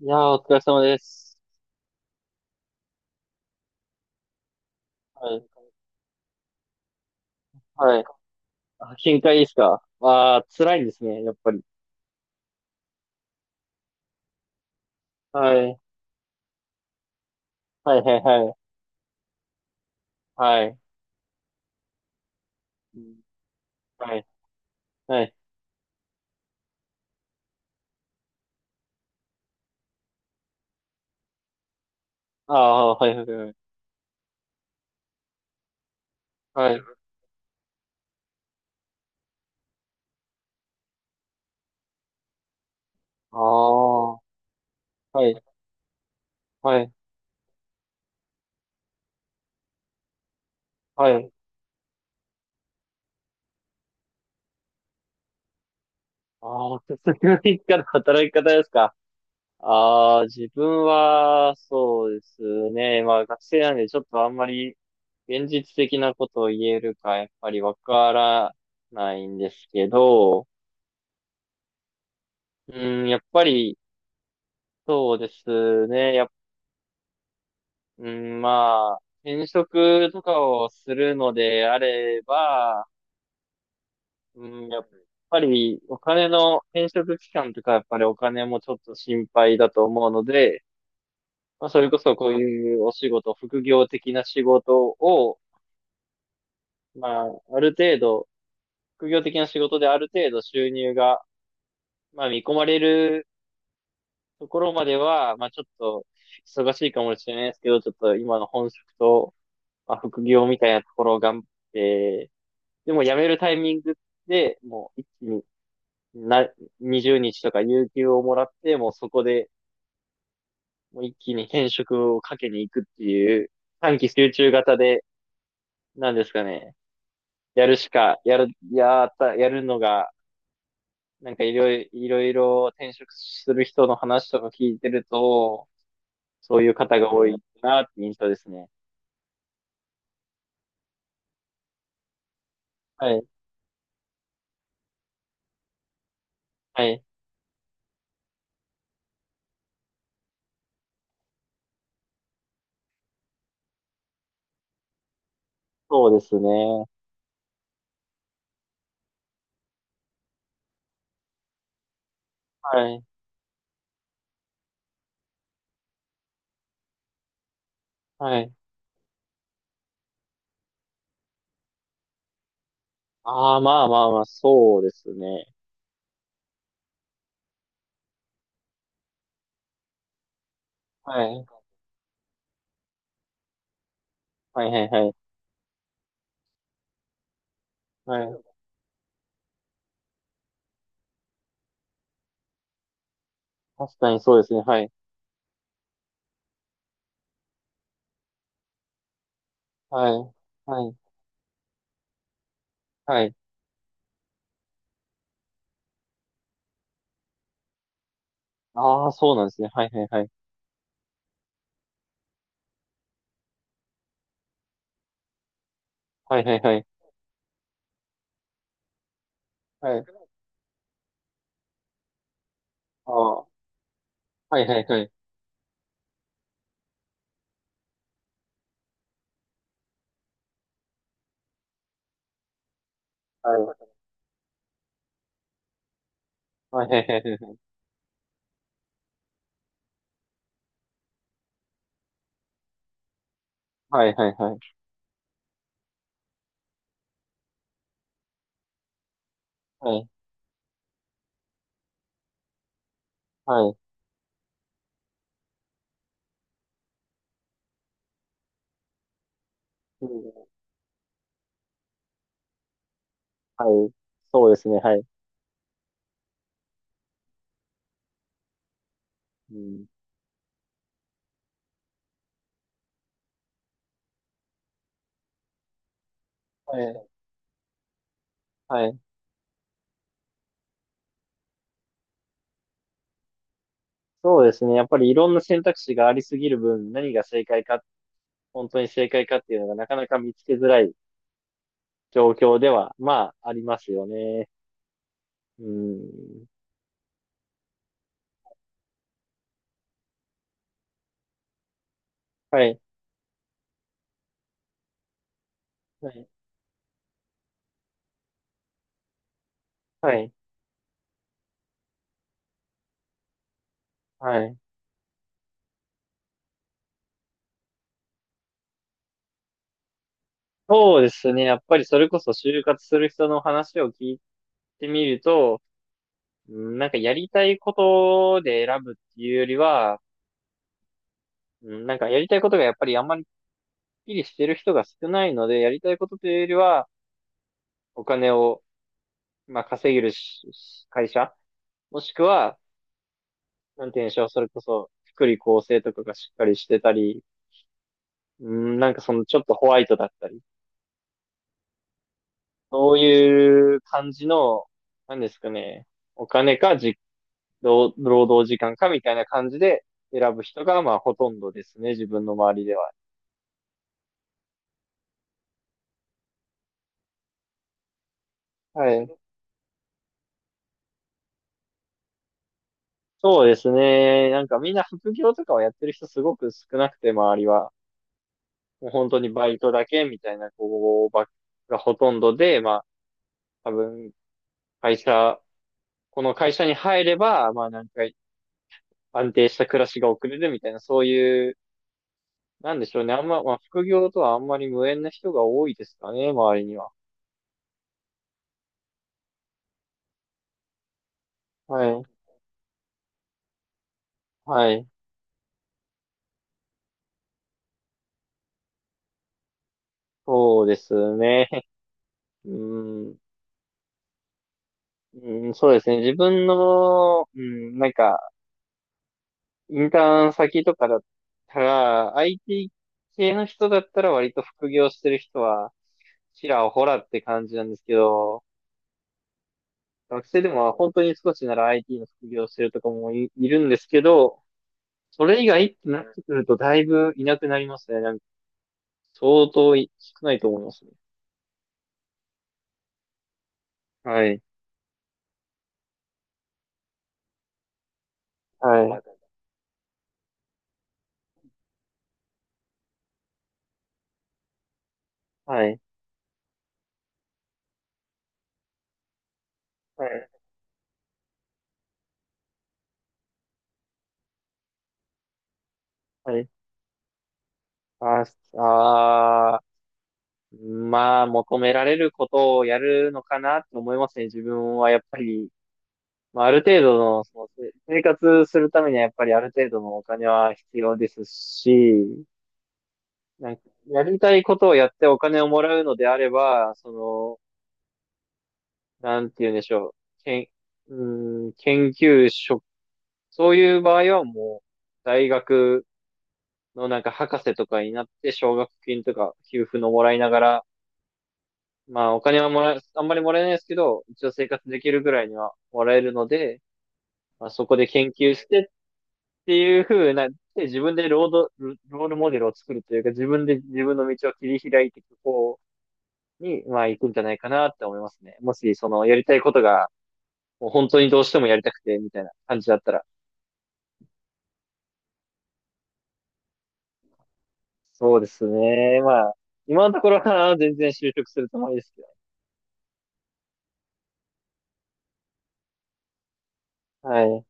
いやー、お疲れ様です。はい。はい。あ、深海ですか。辛いんですね、やっぱり。はい。はい、はい、はい。はい。うん。はい。はい。ああ、はい、はい、はい。はい。ああ、はい、はい、はい。ああ、手先の一家の働き方ですか。自分は、そうですね。まあ、学生なんで、ちょっとあんまり、現実的なことを言えるか、やっぱりわからないんですけど、うん、やっぱり、そうですね。うん、まあ、転職とかをするのであれば、うん、やっぱりお金の転職期間とか、やっぱりお金もちょっと心配だと思うので、まあ、それこそこういうお仕事、副業的な仕事を、まあ、ある程度、副業的な仕事である程度収入が、まあ、見込まれるところまでは、まあ、ちょっと忙しいかもしれないですけど、ちょっと今の本職と、まあ、副業みたいなところを頑張って、でも辞めるタイミングで、もう一気にな、20日とか有給をもらって、もうそこで、もう一気に転職をかけに行くっていう、短期集中型で、なんですかね、やるしか、やる、やった、やるのが、なんかいろいろ転職する人の話とか聞いてると、そういう方が多いなって印象ですね。はい。はい。そうですね。はい。はい。ああ、まあまあまあ、そうですね。はい。はいはいはい。はい。確かにそうですね。はい。はい。はい。はい。ああ、そうなんですね。はいはいはい。はいはいはい。はい。ああ、はいはいはい。はい。はいはいはい。はいはいはい。はい。はい。うん、はい。そうですね。はい。うん。はい。はい。そうですね。やっぱりいろんな選択肢がありすぎる分、何が正解か、本当に正解かっていうのがなかなか見つけづらい状況では、まあ、ありますよね。うん。はい。はい。はい。はい。そうですね。やっぱりそれこそ就活する人の話を聞いてみると、うんなんかやりたいことで選ぶっていうよりは、うんなんかやりたいことがやっぱりあんまりきっきりしてる人が少ないので、やりたいことというよりは、お金を、まあ、稼げるし会社、もしくは、なんて言うんでしょう、それこそ、福利厚生とかがしっかりしてたり、うんなんかそのちょっとホワイトだったり。そういう感じの、なんですかね、お金かじ、労働時間かみたいな感じで選ぶ人が、まあ、ほとんどですね、自分の周りでは。はい。そうですね。なんかみんな副業とかをやってる人すごく少なくて、周りは。もう本当にバイトだけみたいな子ばっがほとんどで、まあ、多分、会社、この会社に入れば、まあ、なんか安定した暮らしが送れるみたいな、そういうなんでしょうね。あんま、まあ、副業とはあんまり無縁な人が多いですかね、周りには。はい。はい。そうですね。うん。うん、そうですね。自分の、うん、なんか、インターン先とかだったら、IT 系の人だったら割と副業してる人は、ちらほらって感じなんですけど、学生でも本当に少しなら IT の副業してるとかもい、いるんですけど、それ以外ってなってくるとだいぶいなくなりますね。相当少ないと思いますね。はい。はい。はい。はい。はい。あああー、まあ、求められることをやるのかなって思いますね。自分はやっぱり、まあ、ある程度の、その、生活するためにはやっぱりある程度のお金は必要ですし、なんか、やりたいことをやってお金をもらうのであれば、その、なんて言うんでしょう。けん、うーん、研究職、そういう場合はもう、大学のなんか博士とかになって奨学金とか給付のもらいながら、まあお金はもらえ、あんまりもらえないですけど、一応生活できるぐらいにはもらえるので、まあ、そこで研究してっていう風な、で自分でロード、ロールモデルを作るというか、自分で自分の道を切り開いていく方に、まあ行くんじゃないかなって思いますね。もしそのやりたいことが、もう本当にどうしてもやりたくてみたいな感じだったら。そうですね。まあ、今のところは全然就職するつもりですけどね。はい。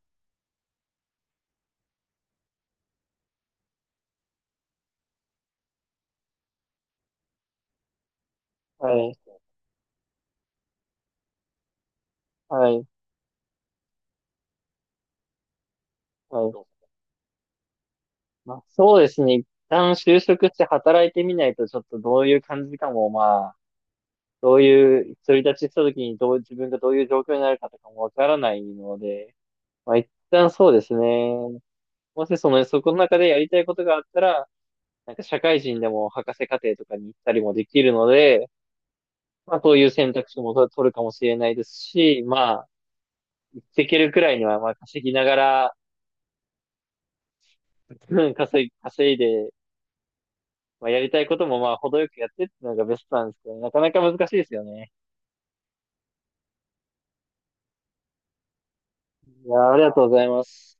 はい。はい。はい。まあ、そうですね。一旦就職して働いてみないと、ちょっとどういう感じかも、まあ、どういう、独り立ちした時に自分がどういう状況になるかとかもわからないので、まあ、一旦そうですね。もしその、そこの中でやりたいことがあったら、なんか社会人でも博士課程とかに行ったりもできるので、まあ、そういう選択肢も取るかもしれないですし、まあ、できるくらいには、まあ、稼ぎながら、稼いで、まあ、やりたいこともまあ、程よくやってっていうのがベストなんですけどね、なかなか難しいですよね。いやー、ありがとうございます。